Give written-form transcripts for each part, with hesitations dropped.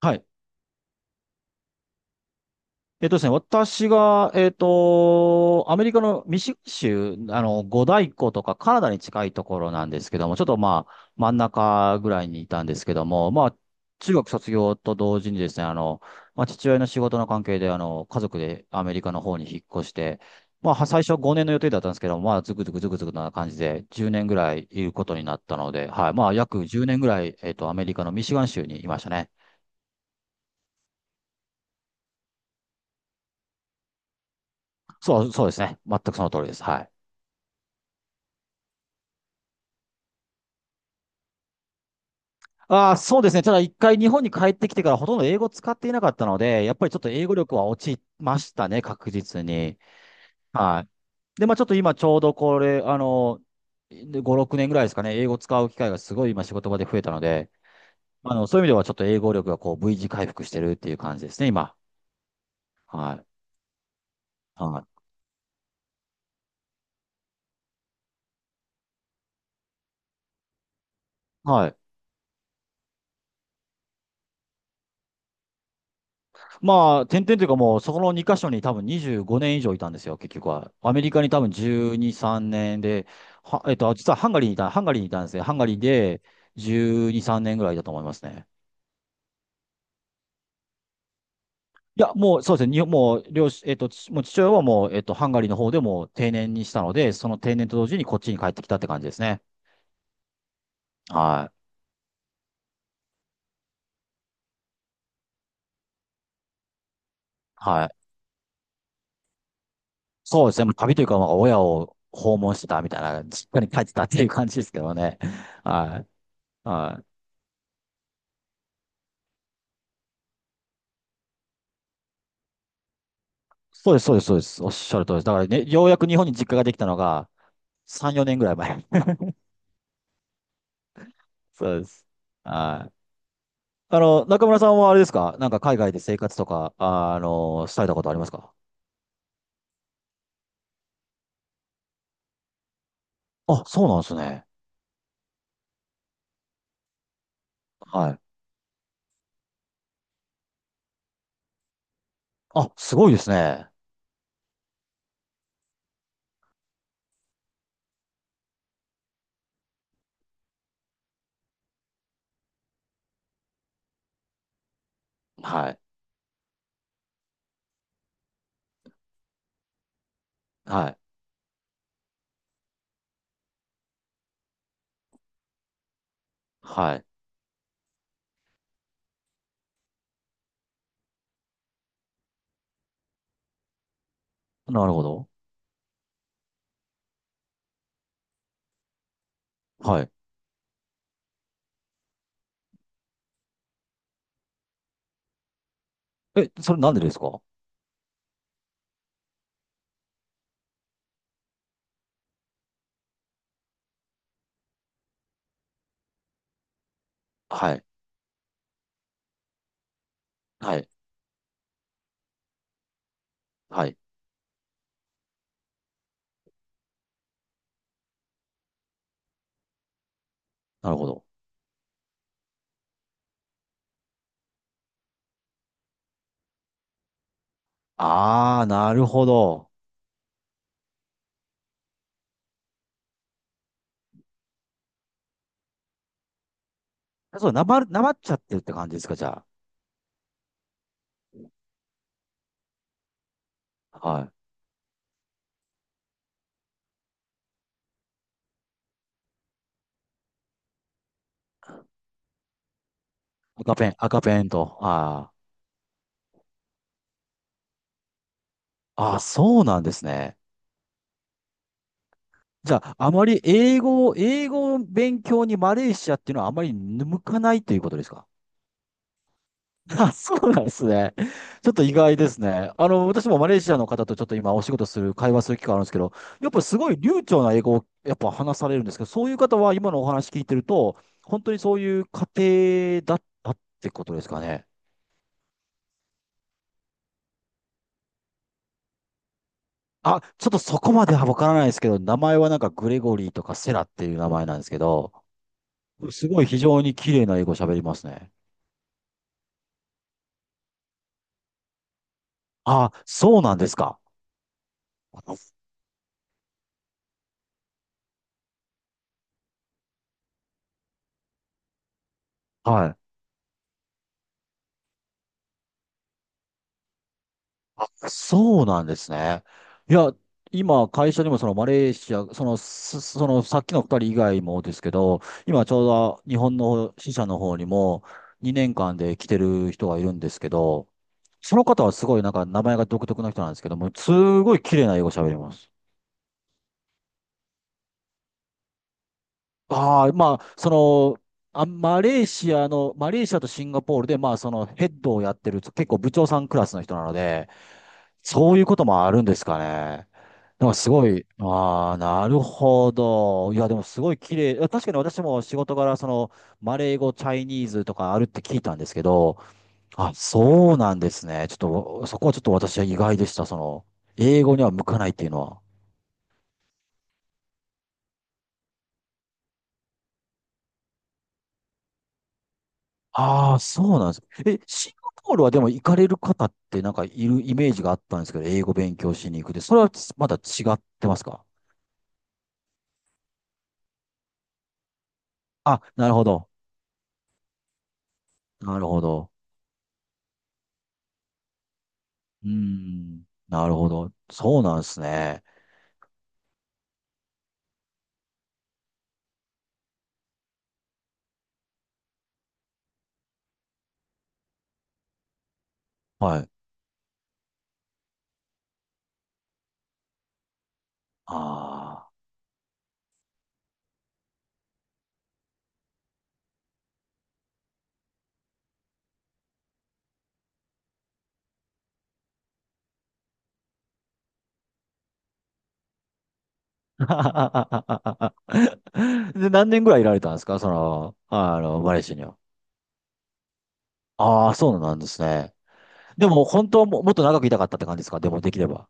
はい。ですね、私が、アメリカのミシガン州、五大湖とかカナダに近いところなんですけども、ちょっとまあ、真ん中ぐらいにいたんですけども、まあ、中学卒業と同時にですね、まあ、父親の仕事の関係で、家族でアメリカの方に引っ越して、まあ、最初5年の予定だったんですけども、まあ、ずくずくずくずくな感じで、10年ぐらいいることになったので、はい。まあ、約10年ぐらい、アメリカのミシガン州にいましたね。そう、そうですね。全くその通りです。はい。ああ、そうですね。ただ一回日本に帰ってきてからほとんど英語使っていなかったので、やっぱりちょっと英語力は落ちましたね、確実に。はい。で、まあちょっと今ちょうどこれ、5、6年ぐらいですかね、英語使う機会がすごい今仕事場で増えたので、そういう意味ではちょっと英語力がこう V 字回復してるっていう感じですね、今。はい。はい。はい。まあ、点々というかもう、そこの2カ所に多分25年以上いたんですよ、結局は。アメリカに多分12、3年で、は、えっと、実はハンガリーにいた、ハンガリーにいたんですね。ハンガリーで12、3年ぐらいだと思いますね。いや、もうそうですね、日本もう両親、父親はもう、ハンガリーの方でもう定年にしたので、その定年と同時にこっちに帰ってきたって感じですね。はい。はい。そうですね、もう旅というか、まあ、親を訪問してたみたいな、実家に帰ってたっていう感じですけどね。はい。はい。そうです、そうです、そうです。おっしゃる通りです。だからね、ようやく日本に実家ができたのが3、4年ぐらい前。そうです。はい。中村さんはあれですか？なんか海外で生活とか、されたことありますか？あ、そうなんですね。はい。あ、すごいですね。はい。はい。はい。なるほど。はい。え、それなんでですか？はい。はい。はい。なるほど。あー、なるほど。そう、なまっちゃってるって感じですか、じゃあ。はい。赤ペン、赤ペンと。ああ。あ、そうなんですね。じゃあ、あまり英語を、勉強にマレーシアっていうのはあまり向かないということですか？ あ、そうなんですね。ちょっと意外ですね。私もマレーシアの方とちょっと今お仕事する、会話する機会あるんですけど、やっぱすごい流暢な英語をやっぱ話されるんですけど、そういう方は今のお話聞いてると、本当にそういう家庭だったってことですかね。あ、ちょっとそこまではわからないですけど、名前はなんかグレゴリーとかセラっていう名前なんですけど、すごい非常に綺麗な英語喋りますね。あ、そうなんですか。はい。そうなんですね。いや、今、会社にもそのマレーシア、その、すそのさっきの二人以外もですけど、今ちょうど日本の支社の方にも2年間で来てる人がいるんですけど、その方はすごいなんか名前が独特な人なんですけども、すごい綺麗な英語喋ります。ああ、まあ、その、マレーシアとシンガポールで、まあ、そのヘッドをやってる、結構部長さんクラスの人なので、そういうこともあるんですかね。なんかすごい、ああ、なるほど。いや、でもすごい綺麗。いや確かに私も仕事柄、その、マレー語、チャイニーズとかあるって聞いたんですけど、あ、そうなんですね。ちょっと、そこはちょっと私は意外でした。その、英語には向かないっていうのは。ああ、そうなんです。え、シンガポールはでも行かれる方ってなんかいるイメージがあったんですけど、英語勉強しに行くで、それはまだ違ってますか？あ、なるほど。なるほど。うーん。なるほど。そうなんですね。はい。ああ。で、何年ぐらいいられたんですか？その、マレーシアには。ああ、そうなんですね。でも、本当はもっと長くいたかったって感じですか？でも、できれば。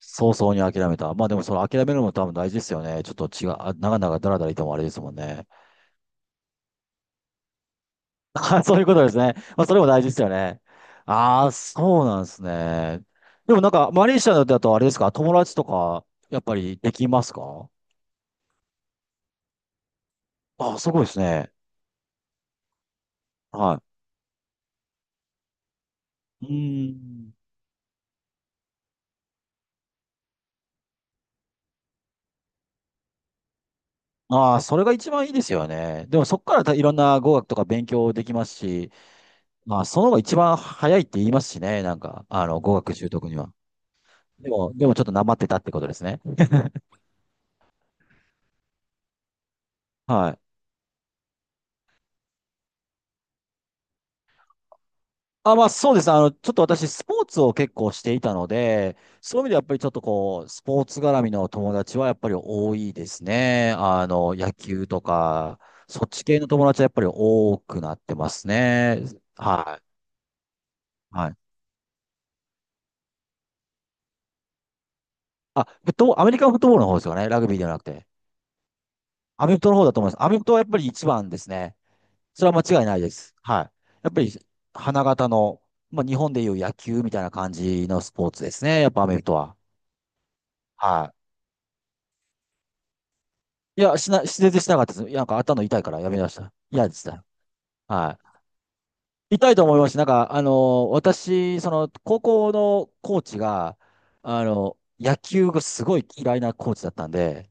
早々に諦めた。まあでもその諦めるのも多分大事ですよね。ちょっと違う、あ、長々だらだらいてもあれですもんね。あ、そういうことですね。まあそれも大事ですよね。ああ、そうなんですね。でもなんか、マレーシアだとあれですか、友達とか、やっぱりできますか？ああ、すごいですね。はい。うーん。ああ、それが一番いいですよね。でもそこからいろんな語学とか勉強できますし、まあその方が一番早いって言いますしね。なんか、語学習得には。でもちょっとなまってたってことですね。はい。あ、まあそうです。ちょっと私、スポーツを結構していたので、そういう意味ではやっぱりちょっとこう、スポーツ絡みの友達はやっぱり多いですね。野球とか、そっち系の友達はやっぱり多くなってますね。はい。はい。あ、フットボール、アメリカンフットボールの方ですよね。ラグビーではなくて。アメフトの方だと思います。アメフトはやっぱり一番ですね。それは間違いないです。はい。やっぱり、花形の、まあ日本でいう野球みたいな感じのスポーツですね。やっぱアメフトは。はい。いや、全然しなかったです。なんか頭痛いからやめました。嫌でした。はい。痛いと思いますし、なんか、私、その、高校のコーチが、野球がすごい嫌いなコーチだったんで、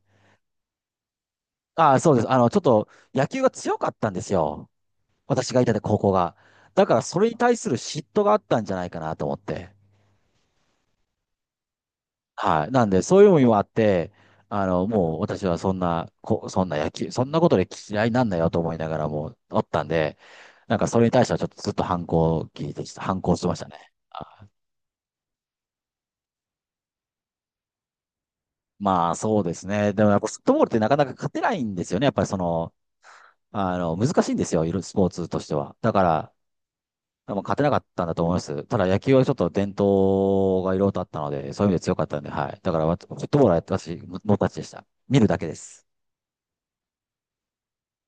ああ、そうです。ちょっと、野球が強かったんですよ。私がいた高校が。だから、それに対する嫉妬があったんじゃないかなと思って。はい。なんで、そういうのもあって、もう私はそんな、そんな野球、そんなことで嫌いなんだよと思いながらもうおったんで、なんかそれに対してはちょっとずっと反抗してましたね。あまあそうですね。でもやっぱフットボールってなかなか勝てないんですよね。やっぱりその、難しいんですよ。いろいろスポーツとしては。だから、多分勝てなかったんだと思います。ただ野球はちょっと伝統がいろいろとあったので、そういう意味で強かったんで、はい。だからわフットボールは僕たちでした。見るだけです。